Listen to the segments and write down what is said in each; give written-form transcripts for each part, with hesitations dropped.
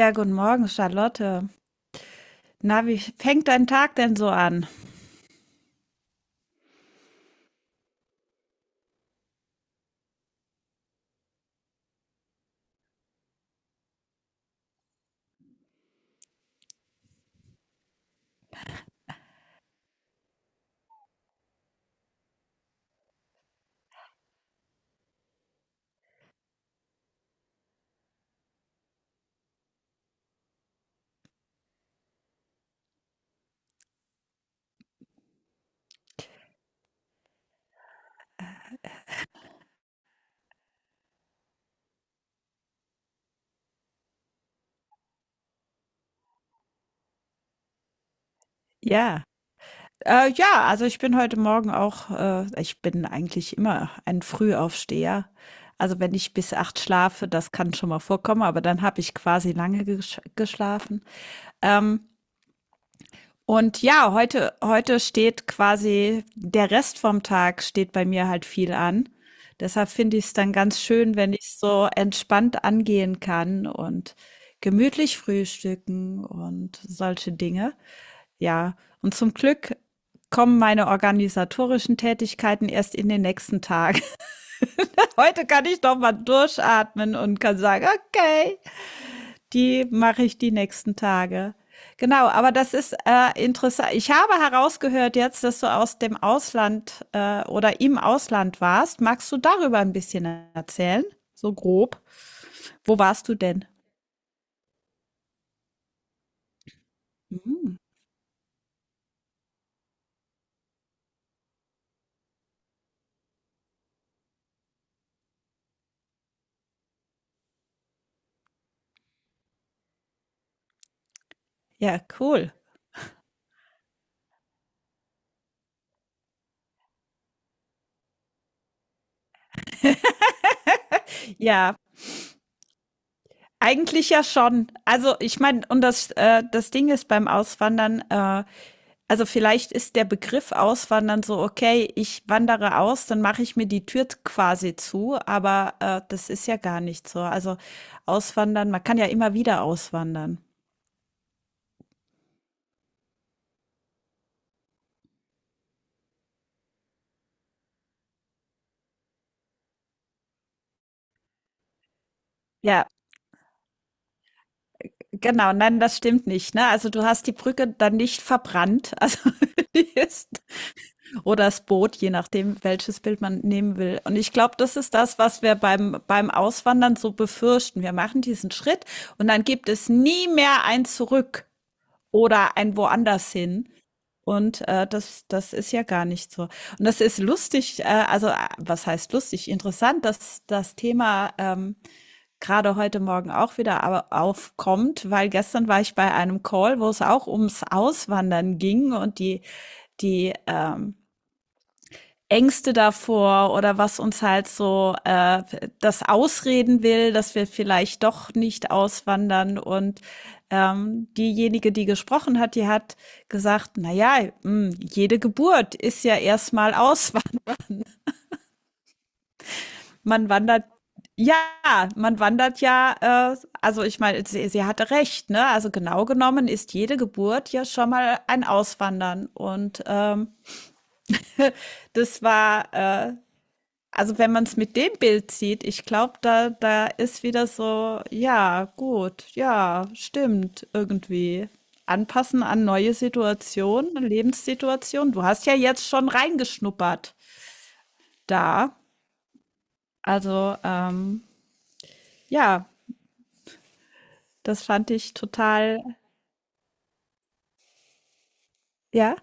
Ja, guten Morgen, Charlotte. Na, wie fängt dein Tag denn so an? Ja. Ja, also ich bin heute Morgen auch, ich bin eigentlich immer ein Frühaufsteher. Also wenn ich bis acht schlafe, das kann schon mal vorkommen, aber dann habe ich quasi lange geschlafen. Ähm, Und ja, heute steht quasi der Rest vom Tag steht bei mir halt viel an. Deshalb finde ich es dann ganz schön, wenn ich es so entspannt angehen kann und gemütlich frühstücken und solche Dinge. Ja, und zum Glück kommen meine organisatorischen Tätigkeiten erst in den nächsten Tag. Heute kann ich doch mal durchatmen und kann sagen, okay, die mache ich die nächsten Tage. Genau, aber das ist interessant. Ich habe herausgehört jetzt, dass du aus dem Ausland oder im Ausland warst. Magst du darüber ein bisschen erzählen? So grob. Wo warst du denn? Mhm. Ja, cool. Ja, eigentlich ja schon. Also ich meine, und das Ding ist beim Auswandern. Vielleicht ist der Begriff Auswandern so: okay, ich wandere aus, dann mache ich mir die Tür quasi zu, aber das ist ja gar nicht so. Also Auswandern, man kann ja immer wieder auswandern. Ja, genau, nein, das stimmt nicht, ne? Also du hast die Brücke dann nicht verbrannt, also die ist, oder das Boot, je nachdem, welches Bild man nehmen will. Und ich glaube, das ist das, was wir beim Auswandern so befürchten. Wir machen diesen Schritt und dann gibt es nie mehr ein Zurück. Oder ein woanders hin. Und das ist ja gar nicht so. Und das ist lustig, also, a was heißt lustig? Interessant, dass das Thema grade heute Morgen auch wieder aber aufkommt, weil gestern war ich bei einem Call, wo es auch ums Auswandern ging, und die Ängste davor oder was uns halt so das ausreden will, dass wir vielleicht doch nicht auswandern. Und diejenige, die gesprochen hat, die hat gesagt: Naja, jede Geburt ist ja erstmal Auswand. Man wandert, ja, man wandert ja, also ich meine, sie hatte recht, ne? Also genau genommen ist jede Geburt ja schon mal ein Auswandern. Und das war Also wenn man es mit dem Bild sieht, ich glaube, da ist wieder so, ja, gut, ja, stimmt, irgendwie. Anpassen an neue Situationen, Lebenssituationen. Du hast ja jetzt schon reingeschnuppert da. Also, ähm, ja, das fand ich total, ja.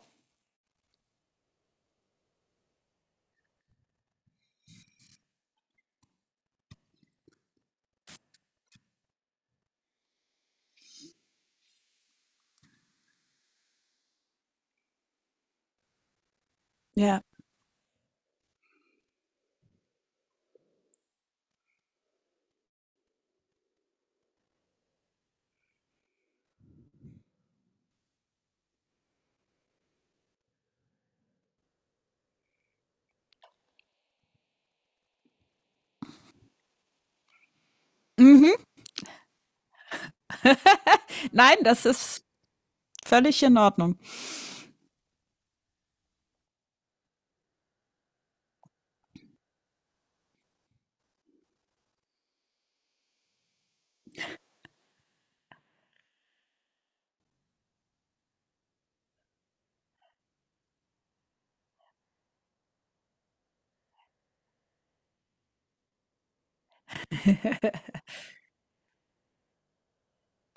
Ja. Mhm. Nein, das ist völlig in Ordnung.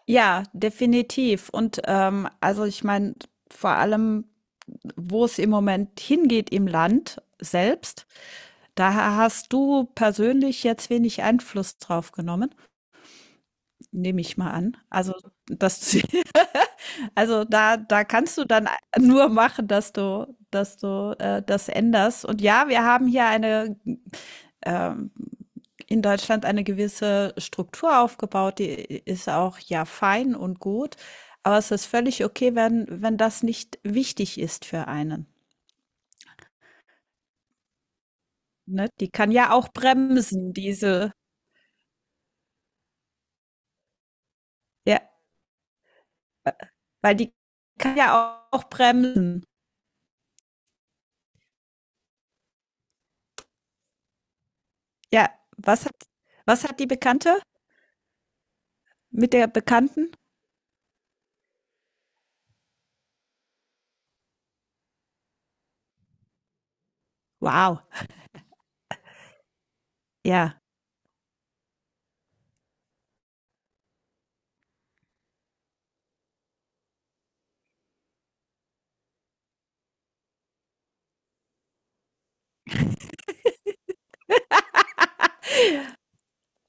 Ja, definitiv. Und also ich meine, vor allem, wo es im Moment hingeht im Land selbst, da hast du persönlich jetzt wenig Einfluss drauf genommen, nehme ich mal an. Also das, also da, da kannst du dann nur machen, dass dass du das änderst. Und ja, wir haben hier eine ähm, in Deutschland eine gewisse Struktur aufgebaut, die ist auch ja fein und gut, aber es ist völlig okay, wenn das nicht wichtig ist für einen. Ne? Die kann ja auch bremsen, diese, ja, weil die kann ja auch bremsen. Ja, was hat, was hat die Bekannte mit der Bekannten? Wow, ja.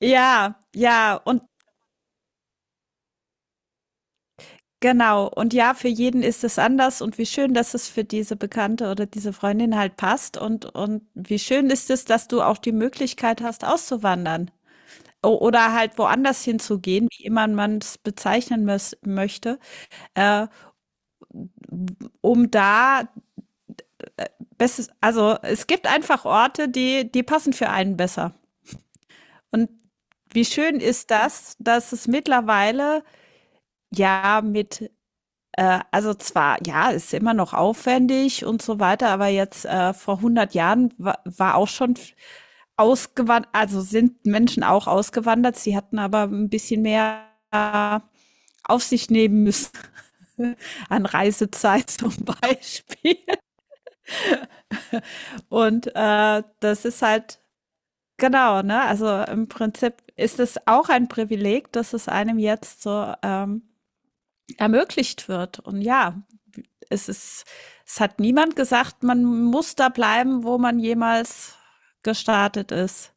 Ja, Genau. Und ja, für jeden ist es anders, und wie schön, dass es für diese Bekannte oder diese Freundin halt passt, und wie schön ist es, dass du auch die Möglichkeit hast, auszuwandern o oder halt woanders hinzugehen, wie immer man es bezeichnen mös möchte, äh, um da bestes also, es gibt einfach Orte, die die passen für einen besser. Und wie schön ist das, dass es mittlerweile, ja, mit also zwar, ja, ist immer noch aufwendig und so weiter, aber jetzt vor 100 Jahren wa war auch schon ausgewandert, also sind Menschen auch ausgewandert, sie hatten aber ein bisschen mehr äh, auf sich nehmen müssen. An Reisezeit zum Beispiel. Und das ist halt, genau, ne? Also im Prinzip ist es auch ein Privileg, dass es einem jetzt so ermöglicht wird. Und ja, es ist, es hat niemand gesagt, man muss da bleiben, wo man jemals gestartet ist.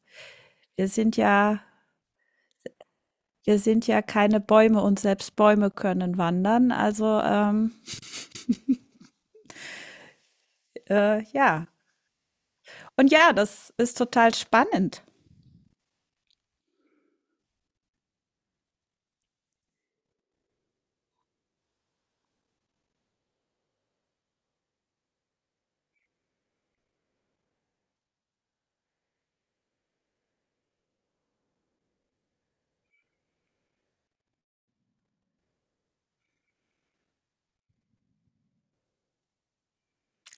Wir sind ja, wir sind ja keine Bäume, und selbst Bäume können wandern. Ja. Und ja, das ist total spannend.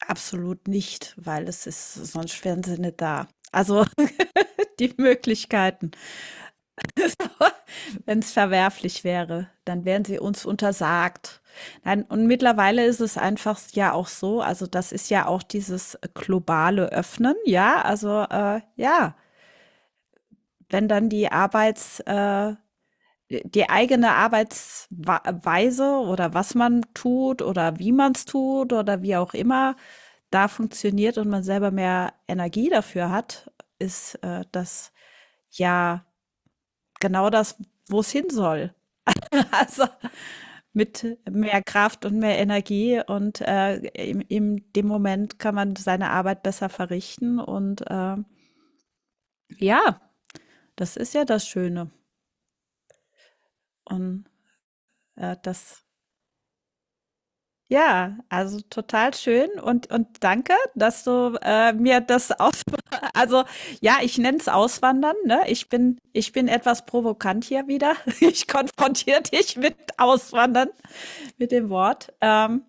Absolut nicht, weil es ist, sonst wären sie nicht da. Also die Möglichkeiten. Wenn es verwerflich wäre, dann wären sie uns untersagt. Nein, und mittlerweile ist es einfach ja auch so, also das ist ja auch dieses globale Öffnen, ja, ja, wenn dann die eigene Arbeitsweise oder was man tut oder wie man es tut oder wie auch immer da funktioniert und man selber mehr Energie dafür hat, ist das ja genau das, wo es hin soll. Also mit mehr Kraft und mehr Energie und, in dem Moment kann man seine Arbeit besser verrichten und, ja, das ist ja das Schöne und, das ja, also total schön und danke, dass du, mir das aus also, ja, ich nenne es Auswandern, ne? Ich bin etwas provokant hier wieder. Ich konfrontiere dich mit Auswandern, mit dem Wort.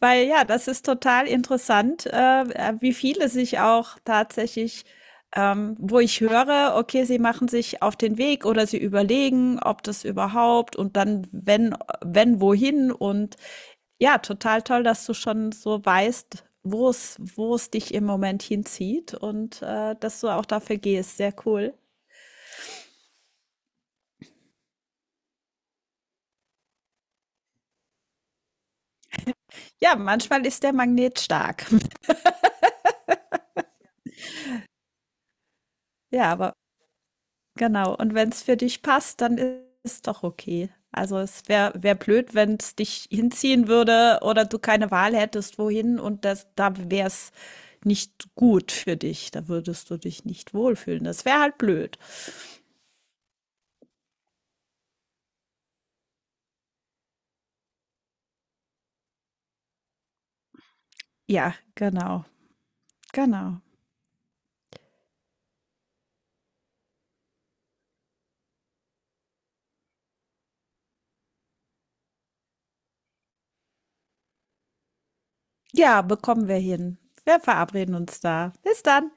Weil ja, das ist total interessant, wie viele sich auch tatsächlich, wo ich höre, okay, sie machen sich auf den Weg oder sie überlegen, ob das überhaupt und dann wenn wohin, und ja, total toll, dass du schon so weißt, wo es dich im Moment hinzieht, und dass du auch dafür gehst. Sehr cool. Ja, manchmal ist der Magnet stark. Ja, aber genau, und wenn es für dich passt, dann ist doch okay. Also, es wäre wäre blöd, wenn es dich hinziehen würde oder du keine Wahl hättest, wohin, und das da wäre es nicht gut für dich. Da würdest du dich nicht wohlfühlen. Das wäre halt blöd. Ja, genau, genau. Ja, bekommen wir hin. Wir verabreden uns da. Bis dann.